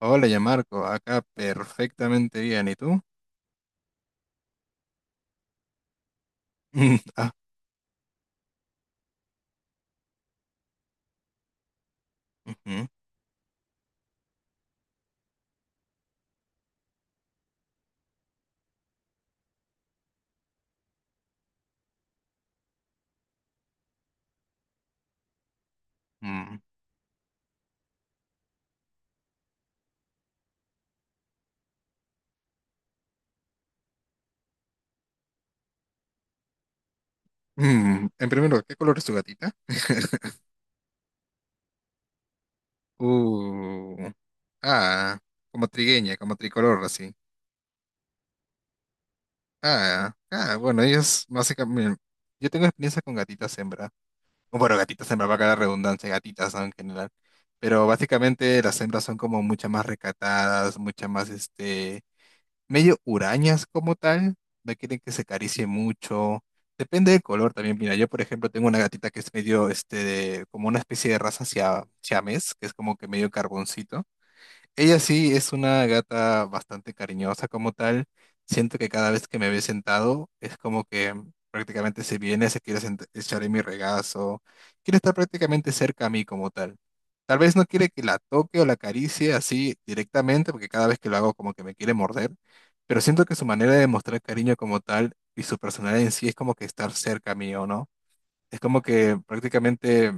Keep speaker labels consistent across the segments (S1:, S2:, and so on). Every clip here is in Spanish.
S1: Hola, ya Marco, acá perfectamente bien. ¿Y tú? Mm. Ah. Ujú. Mm. Mm. En primer lugar, ¿qué color es tu gatita? Uh, ah, como trigueña, como tricolor, así. Ah, ah, bueno, ellos básicamente. Yo tengo experiencia con gatitas hembra. O bueno, gatitas hembra va a quedar redundancia, gatitas, ¿no? En general. Pero básicamente las hembras son como muchas más recatadas, muchas más. Medio hurañas como tal, no quieren que se acaricie mucho. Depende del color también. Mira, yo por ejemplo tengo una gatita que es medio, como una especie de raza siamés, que es como que medio carboncito. Ella sí es una gata bastante cariñosa como tal. Siento que cada vez que me ve sentado es como que prácticamente se viene, se quiere echar en mi regazo, quiere estar prácticamente cerca a mí como tal. Tal vez no quiere que la toque o la acaricie así directamente, porque cada vez que lo hago como que me quiere morder, pero siento que su manera de mostrar cariño como tal y su personalidad en sí es como que estar cerca mío, ¿no? Es como que prácticamente.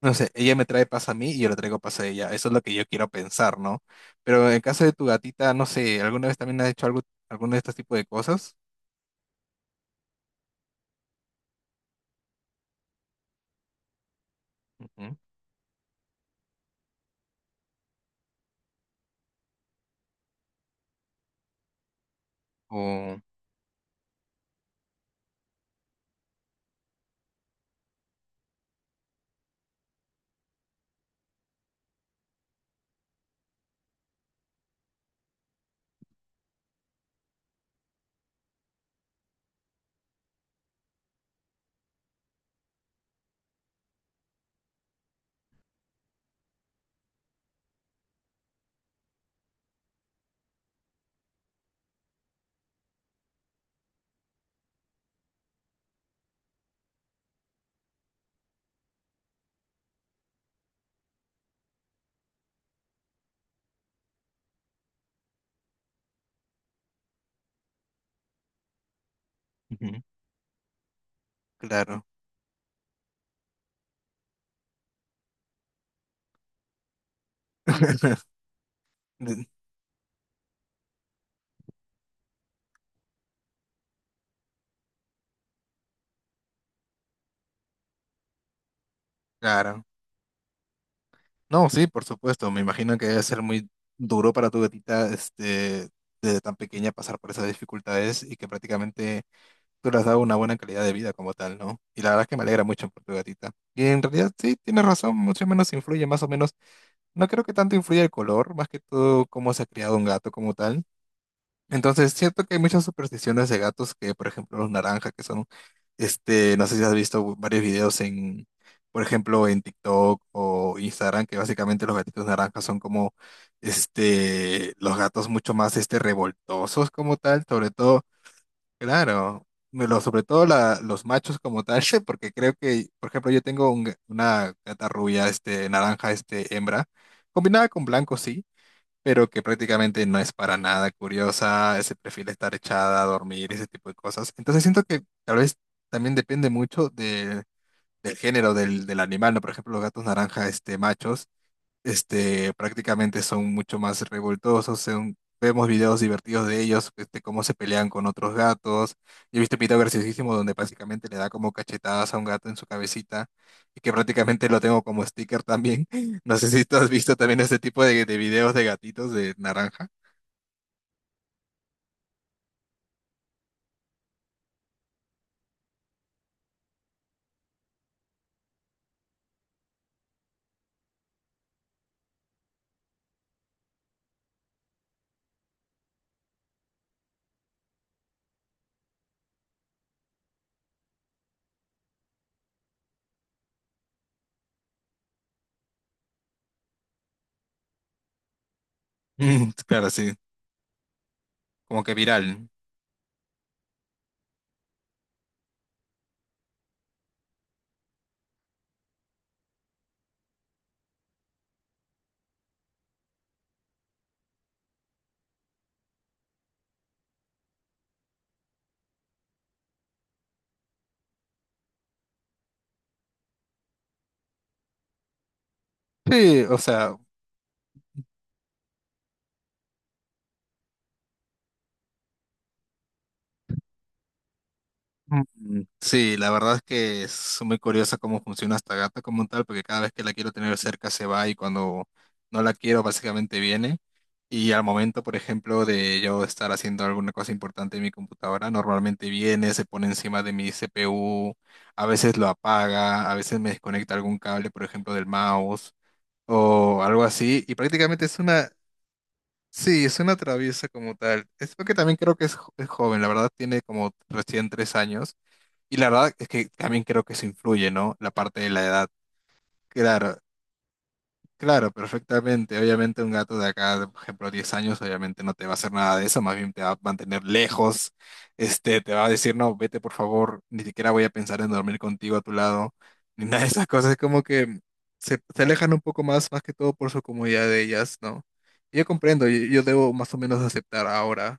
S1: No sé, ella me trae paz a mí y yo le traigo paz a ella. Eso es lo que yo quiero pensar, ¿no? Pero en caso de tu gatita, no sé, ¿alguna vez también has hecho algo, alguno de estos tipos de cosas? Ujú. O, ujú, claro. Mm. Claro. No, sí, por supuesto. Me imagino que debe ser muy duro para tu gatita, desde tan pequeña pasar por esas dificultades y que prácticamente tú le has dado una buena calidad de vida como tal, ¿no? Y la verdad es que me alegra mucho por tu gatita. Y en realidad sí, tienes razón, más o menos influye más o menos. No creo que tanto influya el color, más que todo cómo se ha criado un gato como tal. Entonces, siento que hay muchas supersticiones de gatos que, por ejemplo, los naranjas, que son, no sé si has visto varios videos en, por ejemplo, en TikTok o Instagram, que básicamente los gatitos naranjas son como, los gatos mucho más, revoltosos como tal, sobre todo. Claro, sobre todo los machos como tal, porque creo que, por ejemplo, yo tengo una gata rubia, naranja, hembra, combinada con blanco, sí, pero que prácticamente no es para nada curiosa, se prefiere estar echada a dormir, ese tipo de cosas. Entonces siento que tal vez también depende mucho del género del animal, ¿no? Por ejemplo, los gatos naranja, machos prácticamente son mucho más revoltosos. Vemos videos divertidos de ellos, cómo se pelean con otros gatos. Yo he visto un video graciosísimo donde básicamente le da como cachetadas a un gato en su cabecita y que prácticamente lo tengo como sticker también. No sé si tú has visto también este tipo de videos de gatitos de naranja. Mm. Claro, sí, como que viral. Sí, o sea, Sí, la verdad es que es muy curiosa cómo funciona esta gata como tal, porque cada vez que la quiero tener cerca se va y cuando no la quiero básicamente viene. Y al momento, por ejemplo, de yo estar haciendo alguna cosa importante en mi computadora, normalmente viene, se pone encima de mi CPU, a veces lo apaga, a veces me desconecta algún cable, por ejemplo, del mouse o algo así. Y prácticamente es una, sí, es una traviesa como tal. Es porque también creo que es joven, la verdad tiene como recién 3 años y la verdad es que también creo que se influye, ¿no? La parte de la edad. Claro, claro, perfectamente. Obviamente un gato de acá, por ejemplo, 10 años, obviamente no te va a hacer nada de eso, más bien te va a mantener lejos, te va a decir, no, vete por favor, ni siquiera voy a pensar en dormir contigo a tu lado, ni nada de esas cosas. Es como que se alejan un poco más, más que todo por su comodidad de ellas, ¿no? Y yo comprendo, yo debo más o menos aceptar ahora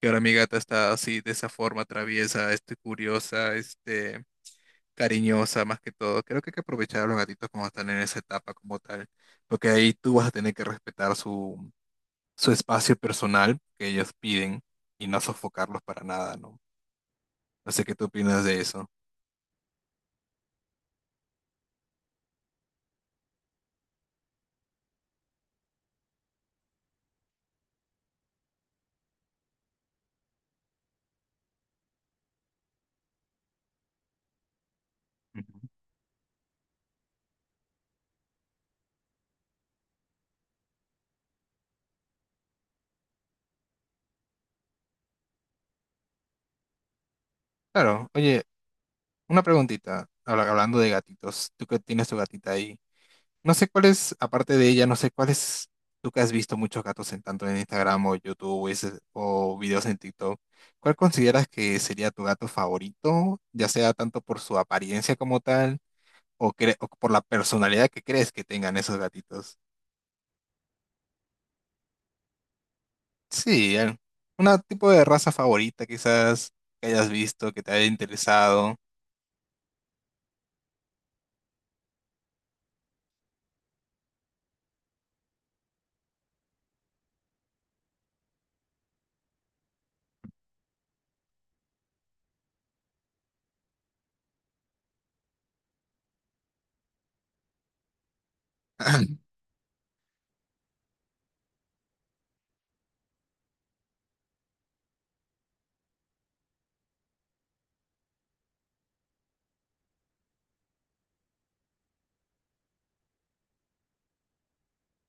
S1: que ahora mi gata está así, de esa forma traviesa, curiosa, cariñosa más que todo. Creo que hay que aprovechar a los gatitos cuando están en esa etapa como tal, porque ahí tú vas a tener que respetar su espacio personal que ellos piden y no sofocarlos para nada, ¿no? No sé qué tú opinas de eso. Ujú. Claro, oye, una preguntita, hablando de gatitos, tú que tienes tu gatita ahí, no sé cuál es, aparte de ella, no sé cuál es, tú que has visto muchos gatos en tanto en Instagram o YouTube o videos en TikTok, ¿cuál consideras que sería tu gato favorito, ya sea tanto por su apariencia como tal o por la personalidad que crees que tengan esos gatitos? Sí, una tipo de raza favorita quizás que hayas visto, que te haya interesado.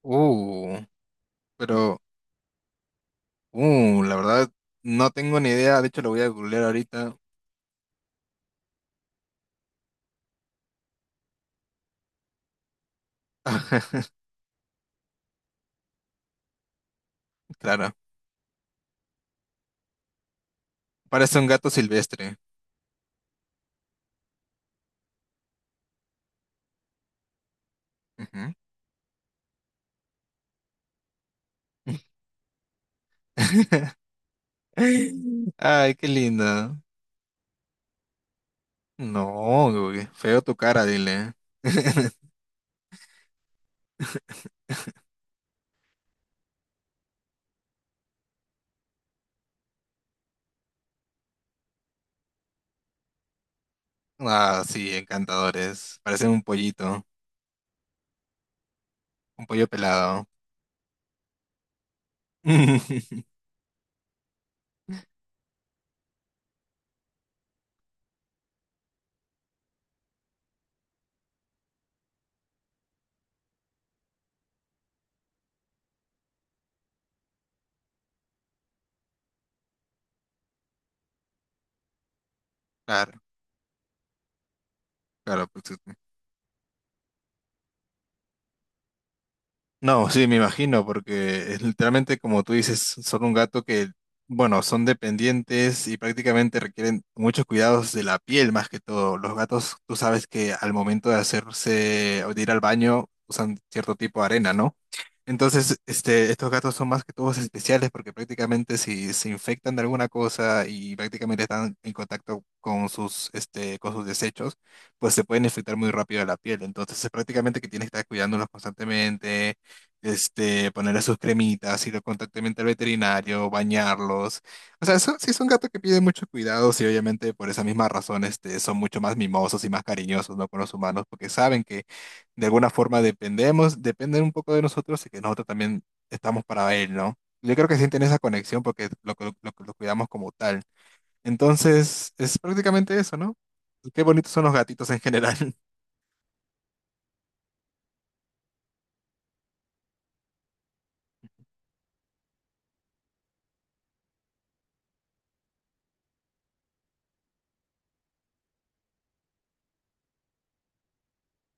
S1: Uh, pero, la verdad, no tengo ni idea, de hecho lo voy a googlear ahorita. Claro, parece un gato silvestre. Ujú. Ay, qué linda. No, güey, feo tu cara, dile. Ah, sí, encantadores. Parecen un pollito, un pollo pelado. Claro, claro. Pues, sí. Sí. No, sí, me imagino, porque es literalmente como tú dices, son un gato que, bueno, son dependientes y prácticamente requieren muchos cuidados de la piel más que todo. Los gatos, tú sabes que al momento de hacerse o de ir al baño usan cierto tipo de arena, ¿no? Entonces, estos gatos son más que todos especiales porque prácticamente si se infectan de alguna cosa y prácticamente están en contacto con sus desechos, pues se pueden infectar muy rápido la piel. Entonces, es prácticamente que tienes que estar cuidándolos constantemente, ponerle sus cremitas, ir constantemente al veterinario, bañarlos. O sea, sí son gatos que piden mucho cuidado y obviamente por esa misma razón, son mucho más mimosos y más cariñosos, ¿no? con los humanos porque saben que de alguna forma dependemos, dependen un poco de nosotros y que nosotros también estamos para él, ¿no? Yo creo que sienten esa conexión porque lo cuidamos como tal. Entonces, es prácticamente eso, ¿no? Qué bonitos son los gatitos en general.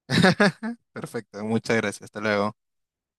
S1: Perfecto, muchas gracias, hasta luego.